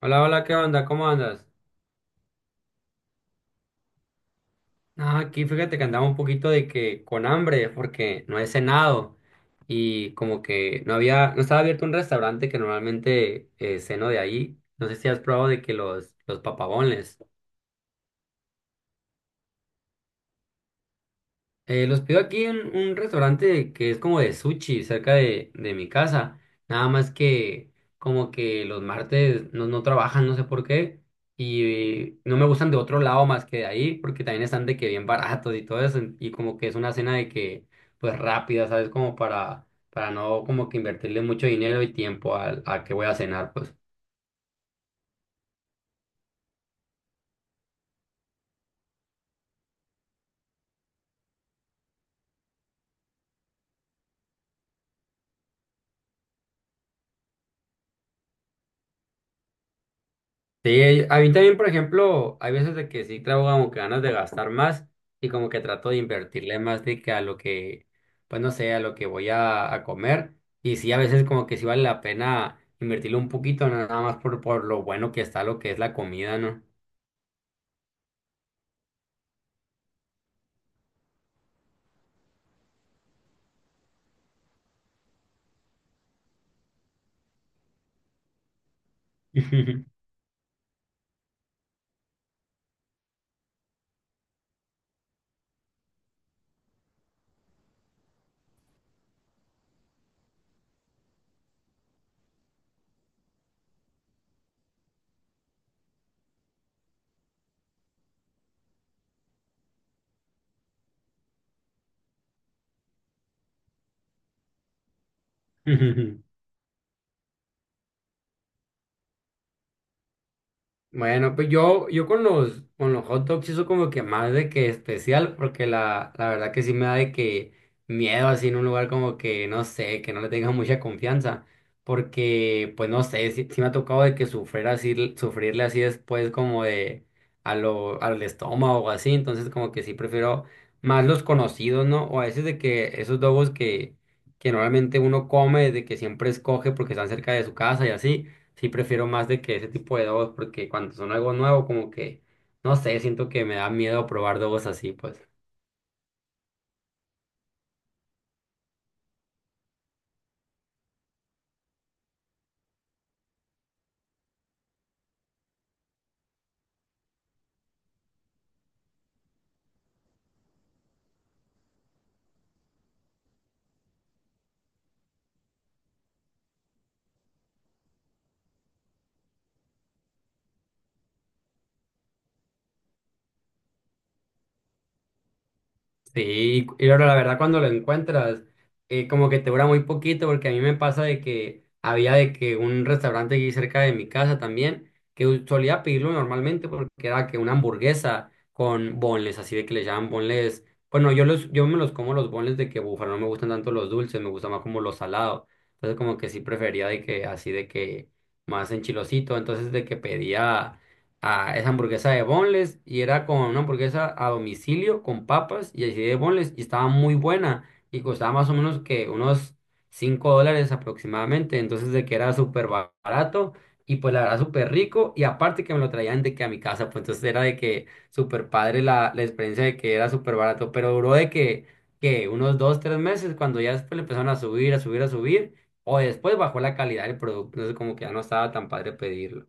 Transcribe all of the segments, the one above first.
Hola, hola, ¿qué onda? ¿Cómo andas? Ah, aquí fíjate que andaba un poquito de que con hambre porque no he cenado y como que no había, no estaba abierto un restaurante que normalmente ceno de ahí. No sé si has probado de que los papabones. Los pido aquí en un restaurante que es como de sushi, cerca de mi casa. Nada más que como que los martes no trabajan, no sé por qué. Y no me gustan de otro lado más que de ahí, porque también están de que bien baratos y todo eso. Y como que es una cena de que, pues rápida, ¿sabes? Como para no como que invertirle mucho dinero y tiempo a, que voy a cenar, pues. Sí, a mí también, por ejemplo, hay veces de que sí traigo como que ganas de gastar más y como que trato de invertirle más de que a lo que, pues no sé, a lo que voy a comer. Y sí, a veces como que sí vale la pena invertirle un poquito, no nada más por lo bueno que está lo que es la comida, ¿no? Bueno, pues yo, con con los hot dogs eso como que más de que especial, porque la verdad que sí me da de que miedo así en un lugar como que, no sé, que no le tenga mucha confianza, porque pues no sé, sí, sí me ha tocado de que sufrir así, sufrirle así después como de a lo, al estómago o así, entonces como que sí prefiero más los conocidos, ¿no? O a veces de que esos dogos que normalmente uno come, de que siempre escoge porque están cerca de su casa y así sí prefiero más de que ese tipo de dogos, porque cuando son algo nuevo, como que, no sé, siento que me da miedo probar dogos así, pues. Sí, y ahora la verdad cuando lo encuentras, como que te dura muy poquito, porque a mí me pasa de que había de que un restaurante aquí cerca de mi casa también, que solía pedirlo normalmente porque era que una hamburguesa con bonles, así de que le llaman bonles. Bueno, yo los, yo me los como los bonles de que búfalo, no me gustan tanto los dulces, me gusta más como los salados. Entonces como que sí prefería de que así de que más enchilosito, entonces de que pedía a esa hamburguesa de boneless y era con una hamburguesa a domicilio con papas y así de boneless y estaba muy buena y costaba más o menos que unos $5 aproximadamente, entonces de que era súper barato y pues la verdad súper rico y aparte que me lo traían de que a mi casa, pues entonces era de que súper padre la experiencia de que era súper barato, pero duró de que unos 2 3 meses cuando ya después le empezaron a subir, a subir, a subir. O después bajó la calidad del producto, entonces como que ya no estaba tan padre pedirlo.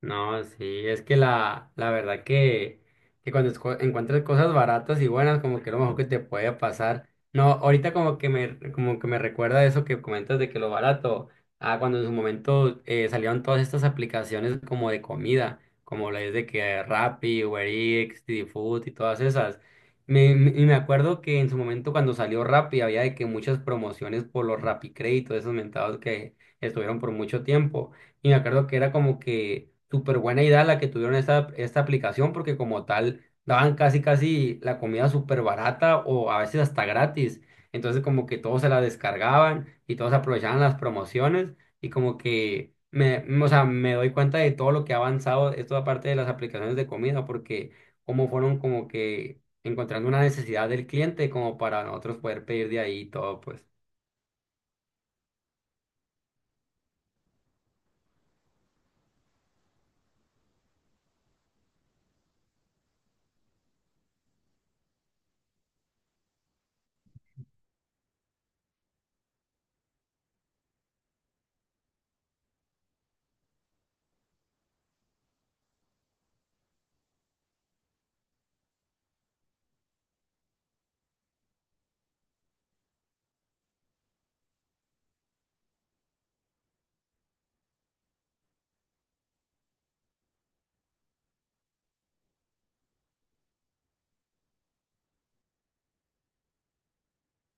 No, sí, es que la verdad que cuando encuentras cosas baratas y buenas, como que es lo mejor que te puede pasar. No, ahorita como que me recuerda eso que comentas de que lo barato, ah, cuando en su momento salieron todas estas aplicaciones como de comida, como la es de que Rappi, Uber Eats, Didi Food y todas esas. Y me acuerdo que en su momento cuando salió Rappi había de que muchas promociones por los Rappi Crédito, esos mentados que estuvieron por mucho tiempo. Y me acuerdo que era como que súper buena idea la que tuvieron esta aplicación porque como tal daban casi casi la comida súper barata o a veces hasta gratis. Entonces como que todos se la descargaban y todos aprovechaban las promociones y como que me, o sea, me doy cuenta de todo lo que ha avanzado esto aparte de las aplicaciones de comida porque como fueron como que encontrando una necesidad del cliente como para nosotros poder pedir de ahí y todo pues.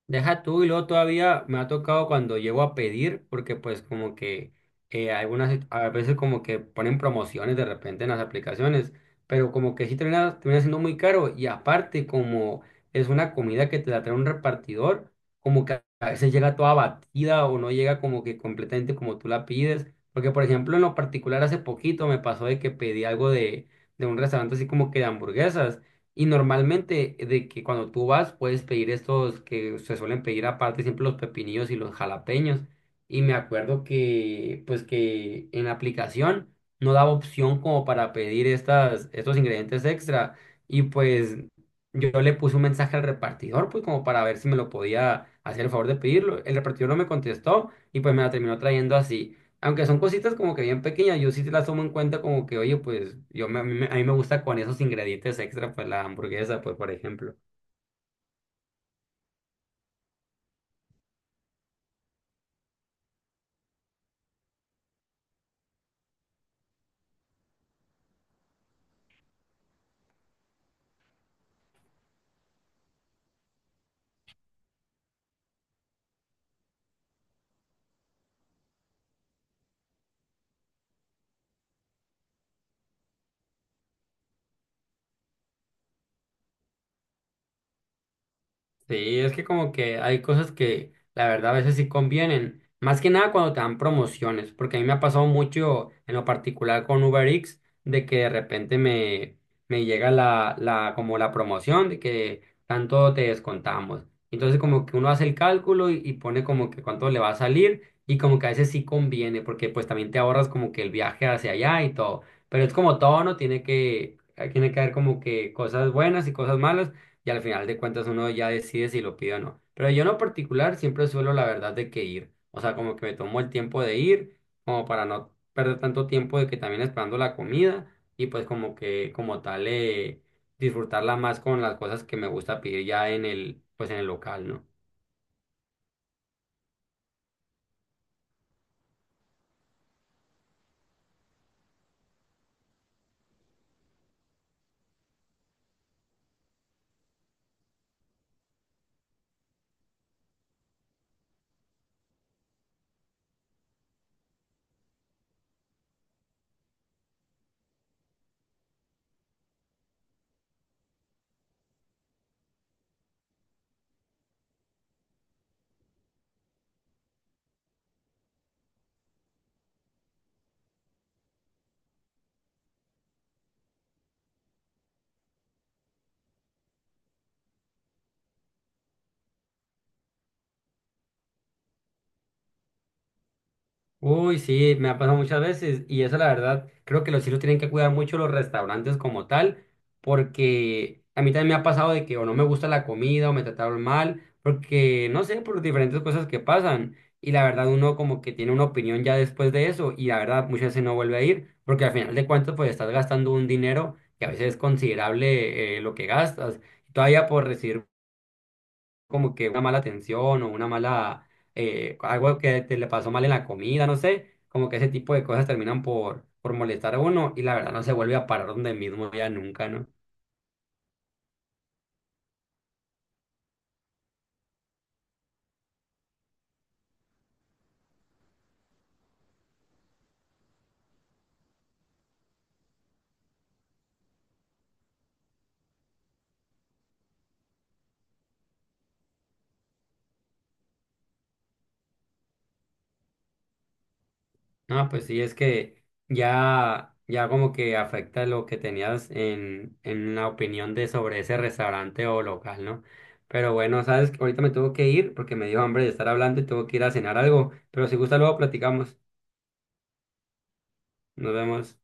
Deja tú y luego todavía me ha tocado cuando llego a pedir, porque pues como que algunas a veces como que ponen promociones de repente en las aplicaciones, pero como que sí termina, termina siendo muy caro y aparte como es una comida que te la trae un repartidor, como que a veces llega toda batida o no llega como que completamente como tú la pides, porque por ejemplo en lo particular hace poquito me pasó de que pedí algo de un restaurante así como que de hamburguesas. Y normalmente de que cuando tú vas puedes pedir estos que se suelen pedir aparte siempre los pepinillos y los jalapeños. Y me acuerdo que pues que en la aplicación no daba opción como para pedir estos ingredientes extra. Y pues yo le puse un mensaje al repartidor pues como para ver si me lo podía hacer el favor de pedirlo. El repartidor no me contestó y pues me la terminó trayendo así. Aunque son cositas como que bien pequeñas, yo sí las tomo en cuenta como que, oye, pues yo a mí me gusta con esos ingredientes extra, pues la hamburguesa, pues por ejemplo. Sí, es que como que hay cosas que la verdad a veces sí convienen, más que nada cuando te dan promociones, porque a mí me ha pasado mucho en lo particular con Uber Eats, de que de repente me, me llega como la promoción de que tanto te descontamos. Entonces como que uno hace el cálculo y pone como que cuánto le va a salir y como que a veces sí conviene, porque pues también te ahorras como que el viaje hacia allá y todo, pero es como todo, ¿no? Tiene que haber como que cosas buenas y cosas malas y al final de cuentas uno ya decide si lo pide o no. Pero yo en lo particular siempre suelo la verdad de que ir, o sea, como que me tomo el tiempo de ir, como para no perder tanto tiempo de que también esperando la comida y pues como que como tal disfrutarla más con las cosas que me gusta pedir ya en el, pues en el local, ¿no? Uy, sí, me ha pasado muchas veces y eso la verdad, creo que los sí lo tienen que cuidar mucho los restaurantes como tal, porque a mí también me ha pasado de que o no me gusta la comida o me trataron mal, porque no sé, por diferentes cosas que pasan y la verdad uno como que tiene una opinión ya después de eso y la verdad muchas veces no vuelve a ir, porque al final de cuentas pues estás gastando un dinero que a veces es considerable lo que gastas, todavía por recibir como que una mala atención o una mala, algo que te le pasó mal en la comida, no sé, como que ese tipo de cosas terminan por molestar a uno y la verdad no se vuelve a parar donde mismo ya nunca, ¿no? No, pues sí, es que ya, ya como que afecta lo que tenías en la opinión de sobre ese restaurante o local, ¿no? Pero bueno, sabes, ahorita me tengo que ir porque me dio hambre de estar hablando y tengo que ir a cenar algo, pero si gusta luego platicamos, nos vemos.